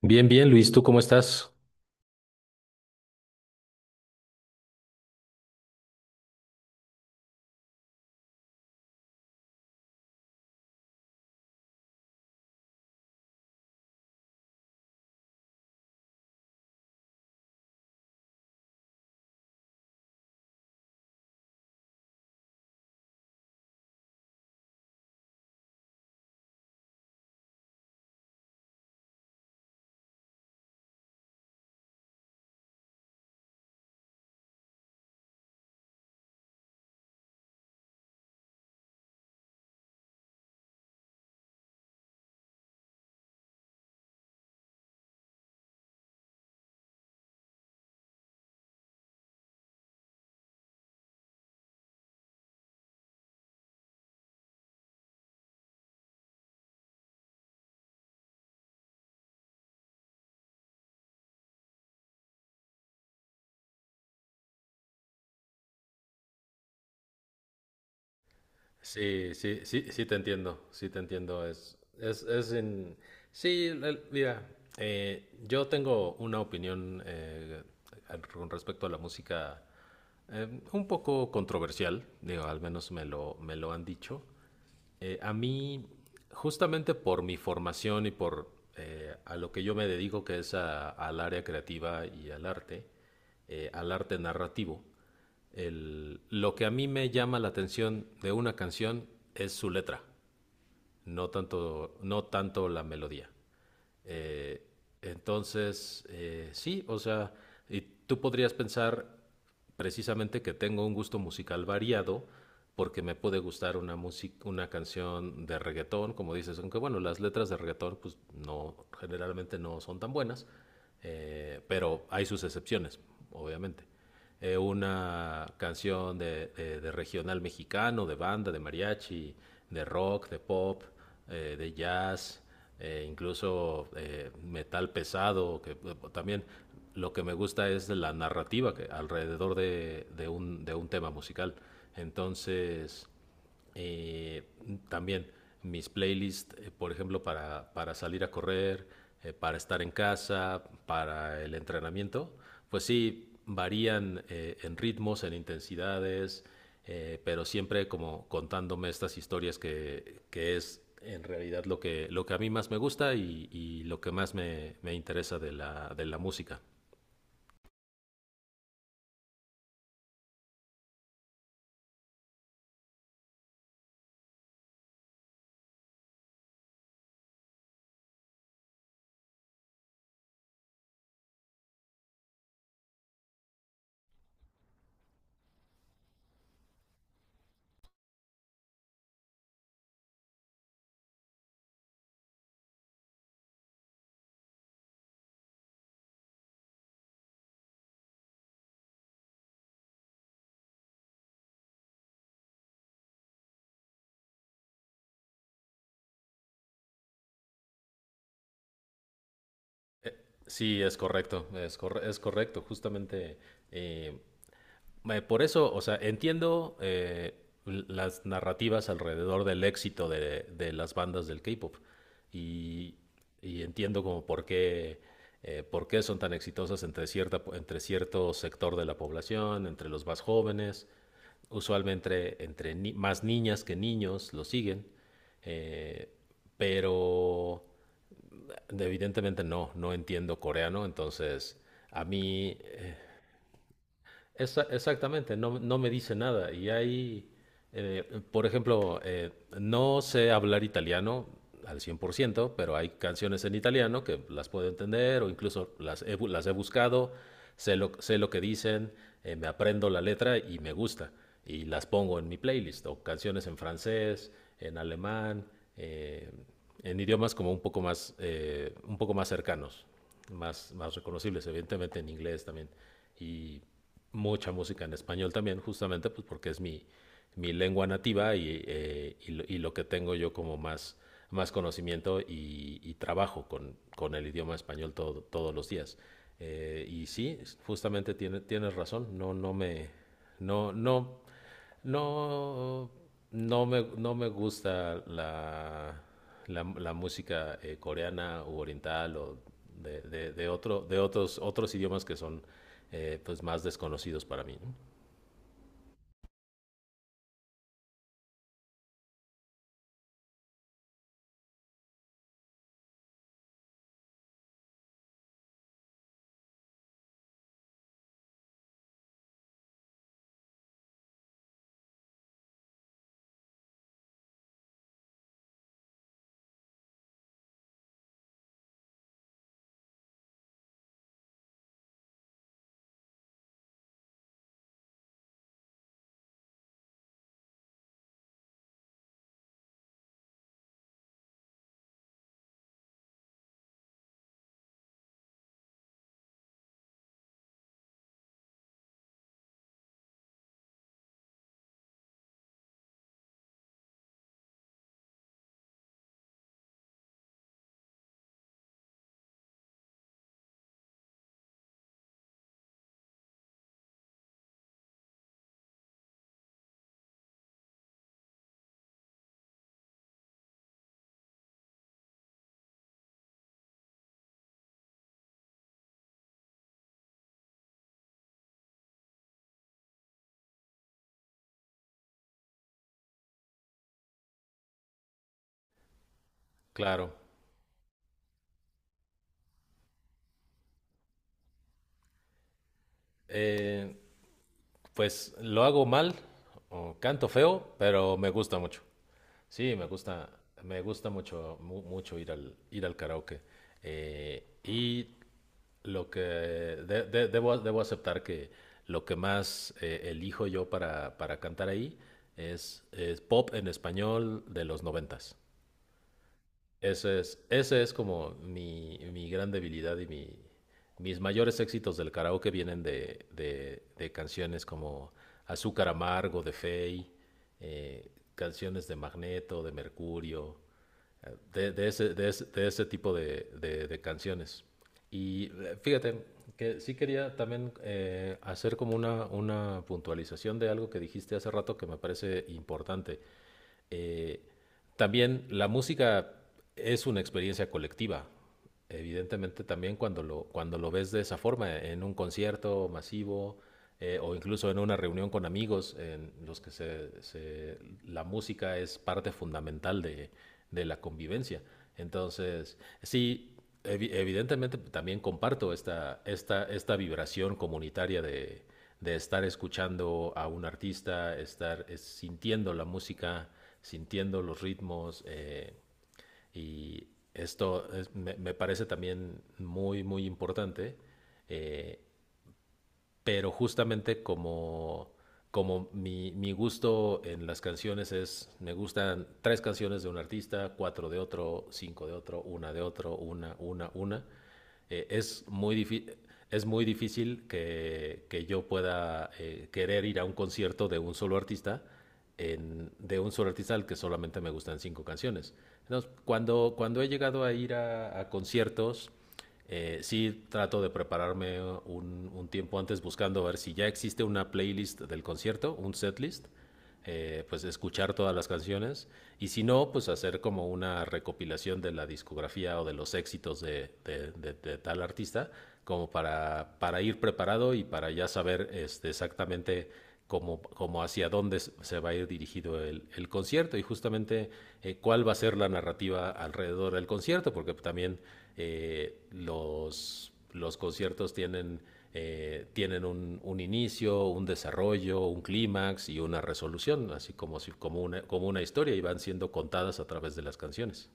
Bien, bien, Luis, ¿tú cómo estás? Sí, sí, sí, sí te entiendo, sí te entiendo. Es en... Sí, mira, yo tengo una opinión con respecto a la música un poco controversial, digo, al menos me lo han dicho. A mí, justamente por mi formación y por a lo que yo me dedico, que es al área creativa y al arte narrativo, lo que a mí me llama la atención de una canción es su letra, no tanto, no tanto la melodía. Eh, entonces, sí, o sea, y tú podrías pensar precisamente que tengo un gusto musical variado porque me puede gustar una música, una canción de reggaetón, como dices, aunque bueno, las letras de reggaetón pues no, generalmente no son tan buenas, pero hay sus excepciones, obviamente una canción de regional mexicano, de banda, de mariachi, de rock, de pop, de jazz, incluso metal pesado, que también lo que me gusta es la narrativa que alrededor de un tema musical. Entonces, eh, también mis playlists, por ejemplo, para salir a correr, para estar en casa, para el entrenamiento, pues sí, varían en ritmos, en intensidades, pero siempre como contándome estas historias que es en realidad lo que a mí más me gusta y lo que más me interesa de la música. Sí, es correcto, es, es correcto. Justamente eh, Por eso, o sea, entiendo las narrativas alrededor del éxito de las bandas del K-pop y, y entiendo como por qué son tan exitosas entre, cierta, entre cierto sector de la población, entre los más jóvenes, usualmente entre, más niñas que niños lo siguen, eh, pero evidentemente no, no entiendo coreano, entonces a mí exactamente, no, no me dice nada. Y hay, por ejemplo, no sé hablar italiano al 100%, pero hay canciones en italiano que las puedo entender o incluso las he buscado, sé lo que dicen, me aprendo la letra y me gusta. Y las pongo en mi playlist, o canciones en francés, en alemán, eh, en idiomas como un poco más cercanos, más, más reconocibles, evidentemente en inglés también mucha música en español también, justamente pues porque es mi, mi lengua nativa y lo que tengo yo como más, más conocimiento y trabajo con el idioma español todos los días. Y sí, justamente tienes razón, no, no, no, no me, no me gusta la, la, la música coreana u oriental o de, de otro, de otros, otros idiomas que son pues más desconocidos para mí, ¿no? Claro. Eh, Pues lo hago mal o canto feo, pero me gusta mucho. Sí, me gusta mucho, mucho ir al karaoke. Y lo que debo aceptar que lo que más elijo yo para cantar ahí es pop en español de los 90s. Ese es como mi gran debilidad y mi, mis mayores éxitos del karaoke vienen de canciones como Azúcar Amargo de Fey, canciones de Magneto, de Mercurio, de ese, de ese tipo de canciones. Y fíjate que sí quería también hacer como una puntualización de algo que dijiste hace rato que me parece importante. Eh, También la música es una experiencia colectiva. Evidentemente también cuando lo ves de esa forma, en un concierto masivo o incluso en una reunión con amigos en los que se, la música es parte fundamental de la convivencia. Entonces, sí, evidentemente también comparto esta, esta, esta vibración comunitaria de estar escuchando a un artista, estar sintiendo la música, sintiendo los ritmos y me, me parece también muy, muy importante eh, pero justamente como, como mi gusto en las canciones es, me gustan 3 canciones de un artista, 4 de otro, 5 de otro, una de otro, una, es muy difícil. Es muy difícil que yo pueda querer ir a un concierto de un solo artista, de un solo artista al que solamente me gustan 5 canciones. Entonces, cuando, cuando he llegado a ir a conciertos sí trato de prepararme un, tiempo antes buscando ver si ya existe una playlist del concierto, un setlist, pues escuchar todas las canciones y si no, pues hacer como una recopilación de la discografía o de los éxitos de tal artista, como para ir preparado y para ya saber este, exactamente como, como hacia dónde se va a ir dirigido el concierto y justamente cuál va a ser la narrativa alrededor del concierto, porque también los conciertos tienen, tienen un, inicio, un desarrollo, un clímax y una resolución, así como, si, como una historia y van siendo contadas a través de las canciones.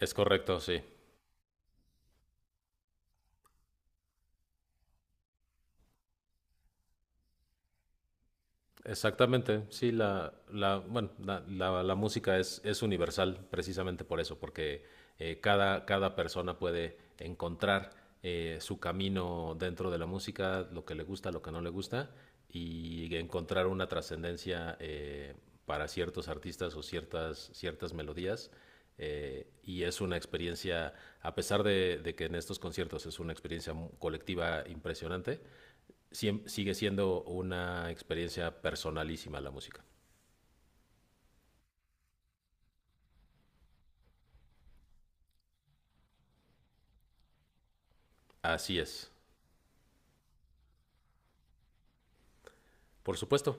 Es correcto, sí. Exactamente, sí, la, bueno, la, la música es universal precisamente por eso, porque cada, cada persona puede encontrar su camino dentro de la música, lo que le gusta, lo que no le gusta, y encontrar una trascendencia para ciertos artistas o ciertas, ciertas melodías. Y es una experiencia, a pesar de que en estos conciertos es una experiencia colectiva impresionante, sigue siendo una experiencia personalísima la música. Así es. Por supuesto,